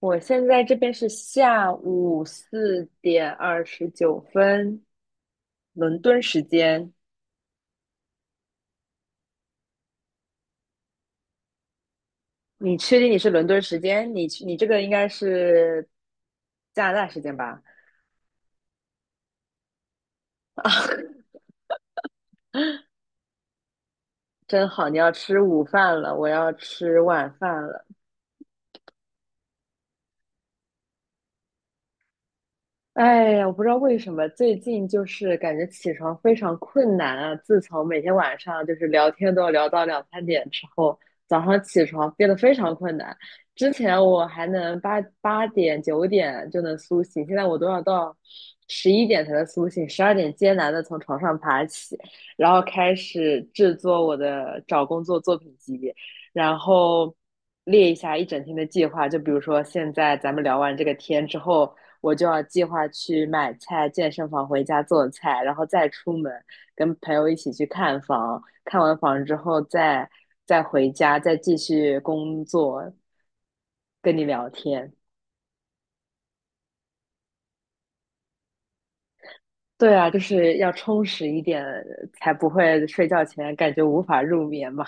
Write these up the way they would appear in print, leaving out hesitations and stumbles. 我现在这边是下午4点29分，伦敦时间。你确定你是伦敦时间？你这个应该是加拿大时间吧？啊，真好，你要吃午饭了，我要吃晚饭了。哎呀，我不知道为什么最近就是感觉起床非常困难啊。自从每天晚上就是聊天都要聊到两三点之后，早上起床变得非常困难。之前我还能八点九点就能苏醒，现在我都要到11点才能苏醒，12点艰难的从床上爬起，然后开始制作我的找工作作品集，然后列一下一整天的计划。就比如说现在咱们聊完这个天之后。我就要计划去买菜、健身房回家做菜，然后再出门跟朋友一起去看房，看完房之后再回家，再继续工作，跟你聊天。对啊，就是要充实一点，才不会睡觉前感觉无法入眠嘛。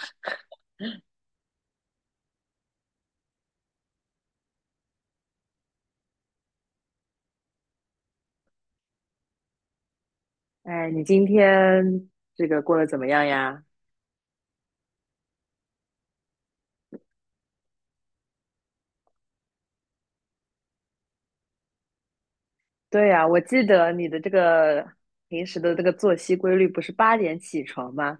哎，你今天这个过得怎么样呀？对呀，我记得你的这个平时的这个作息规律不是八点起床吗？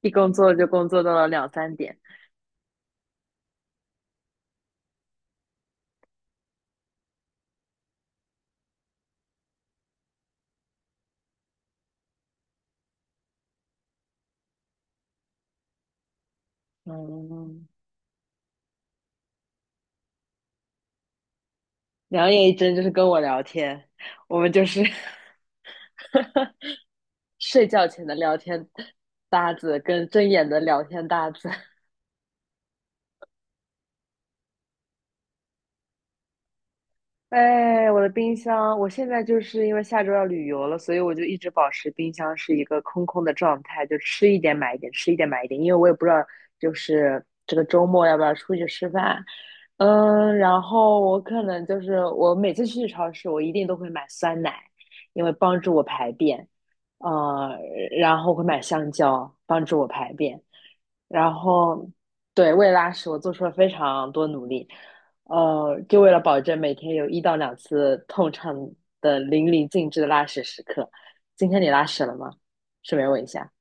一工作就工作到了两三点。嗯，两眼一睁就是跟我聊天，我们就是 睡觉前的聊天搭子跟睁眼的聊天搭子。哎，我的冰箱，我现在就是因为下周要旅游了，所以我就一直保持冰箱是一个空空的状态，就吃一点买一点，吃一点买一点，因为我也不知道就是这个周末要不要出去吃饭。嗯，然后我可能就是我每次去超市，我一定都会买酸奶，因为帮助我排便。呃，然后会买香蕉帮助我排便，然后对为拉屎我做出了非常多努力。就为了保证每天有1到2次痛畅的淋漓尽致的拉屎时刻。今天你拉屎了吗？顺便问一下，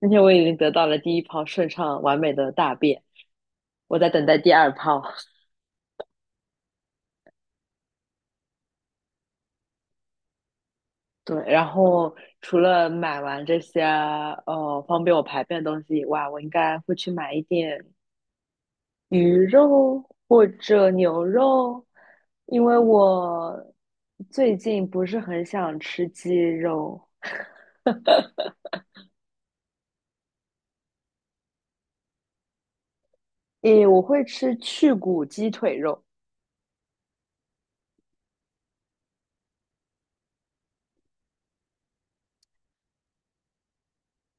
今天我已经得到了第一泡顺畅完美的大便，我在等待第二泡。对，然后除了买完这些方便我排便的东西以外，我应该会去买一点鱼肉或者牛肉，因为我最近不是很想吃鸡肉。诶，我会吃去骨鸡腿肉，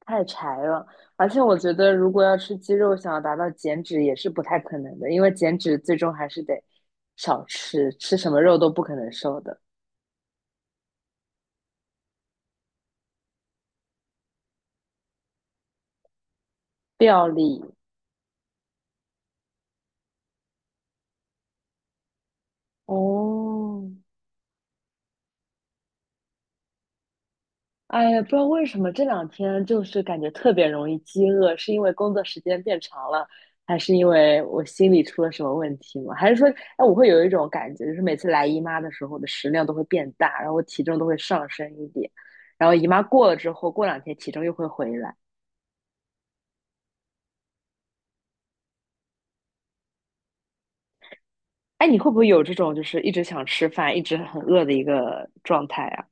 太柴了。而且我觉得，如果要吃鸡肉，想要达到减脂也是不太可能的，因为减脂最终还是得少吃，吃什么肉都不可能瘦的。料理，哦，哎呀，不知道为什么这两天就是感觉特别容易饥饿，是因为工作时间变长了，还是因为我心里出了什么问题吗？还是说，哎，我会有一种感觉，就是每次来姨妈的时候，我的食量都会变大，然后我体重都会上升一点，然后姨妈过了之后，过两天体重又会回来。哎，你会不会有这种就是一直想吃饭，一直很饿的一个状态啊？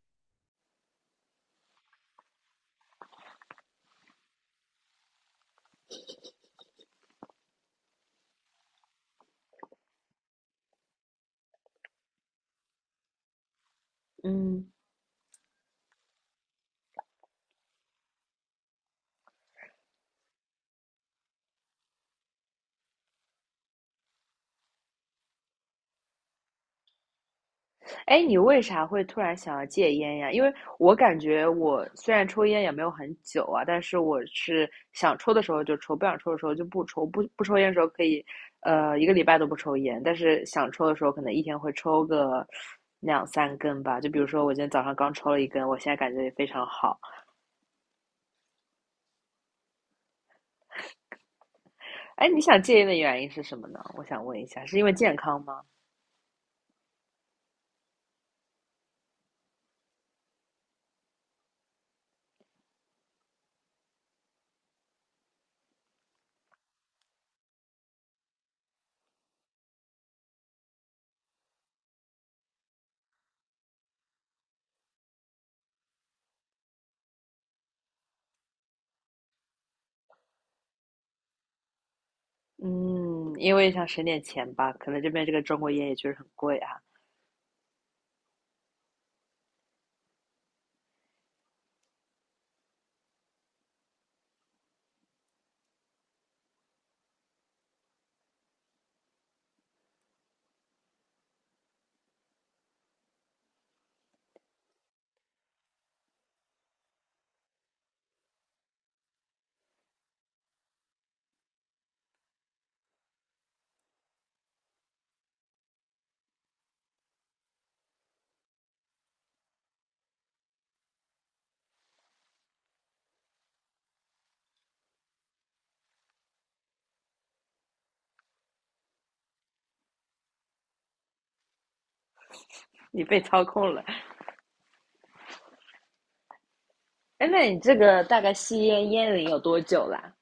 嗯。哎，你为啥会突然想要戒烟呀？因为我感觉我虽然抽烟也没有很久啊，但是我是想抽的时候就抽，不想抽的时候就不抽。不抽烟的时候可以，一个礼拜都不抽烟，但是想抽的时候可能一天会抽个2、3根吧。就比如说我今天早上刚抽了一根，我现在感觉也非常好。哎，你想戒烟的原因是什么呢？我想问一下，是因为健康吗？嗯，因为想省点钱吧，可能这边这个中国烟也确实很贵啊。你被操控了。哎，那你这个大概吸烟烟龄有多久啦？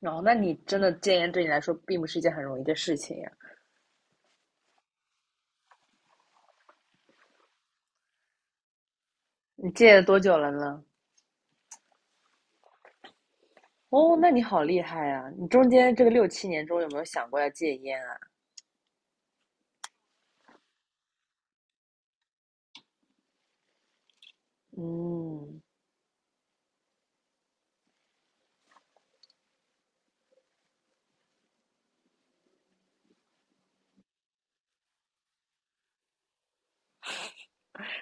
哦，那你真的戒烟对你来说并不是一件很容易的事情呀。你戒了多久了呢？哦，那你好厉害啊！你中间这个6、7年中有没有想过要戒烟啊？嗯，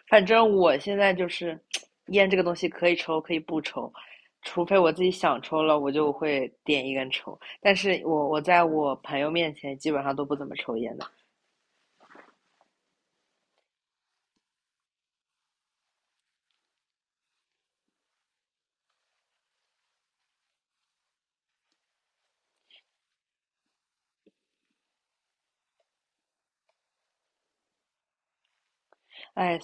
反正我现在就是 烟这个东西可以抽可以不抽，除非我自己想抽了，我就会点一根抽。但是我在我朋友面前基本上都不怎么抽烟的。哎，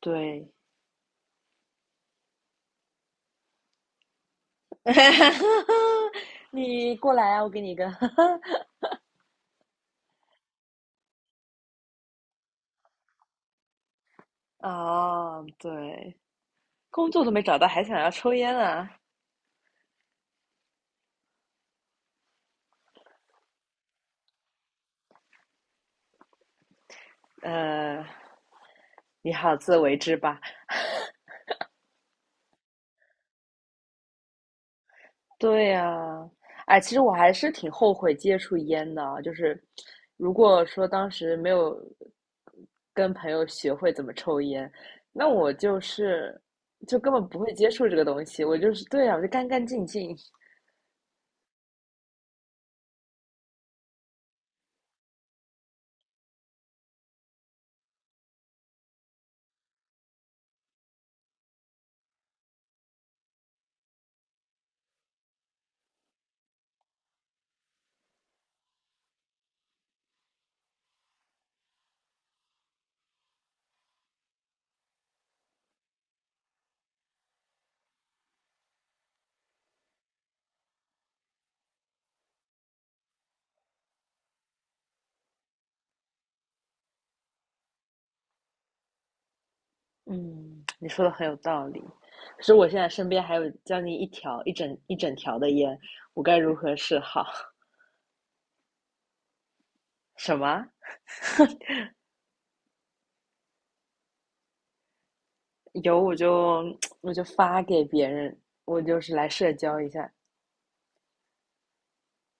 对，哈哈，你过来啊，我给你一个。哦，对，工作都没找到，还想要抽烟啊？呃，你好自为之吧。对呀。哎，其实我还是挺后悔接触烟的啊，就是如果说当时没有跟朋友学会怎么抽烟，那我就是就根本不会接触这个东西，我就是，对啊，我就干干净净。嗯，你说的很有道理。可是我现在身边还有将近一条、一整一整条的烟，我该如何是好？什么？有我就 我就发给别人，我就是来社交一下。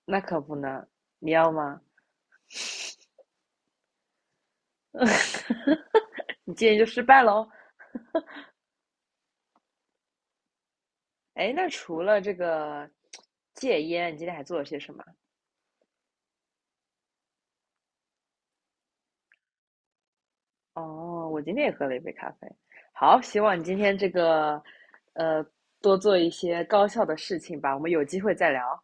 那可不呢，你要吗？你戒烟就失败喽。哎，那除了这个戒烟，你今天还做了些什么？哦，我今天也喝了一杯咖啡。好，希望你今天这个呃多做一些高效的事情吧。我们有机会再聊。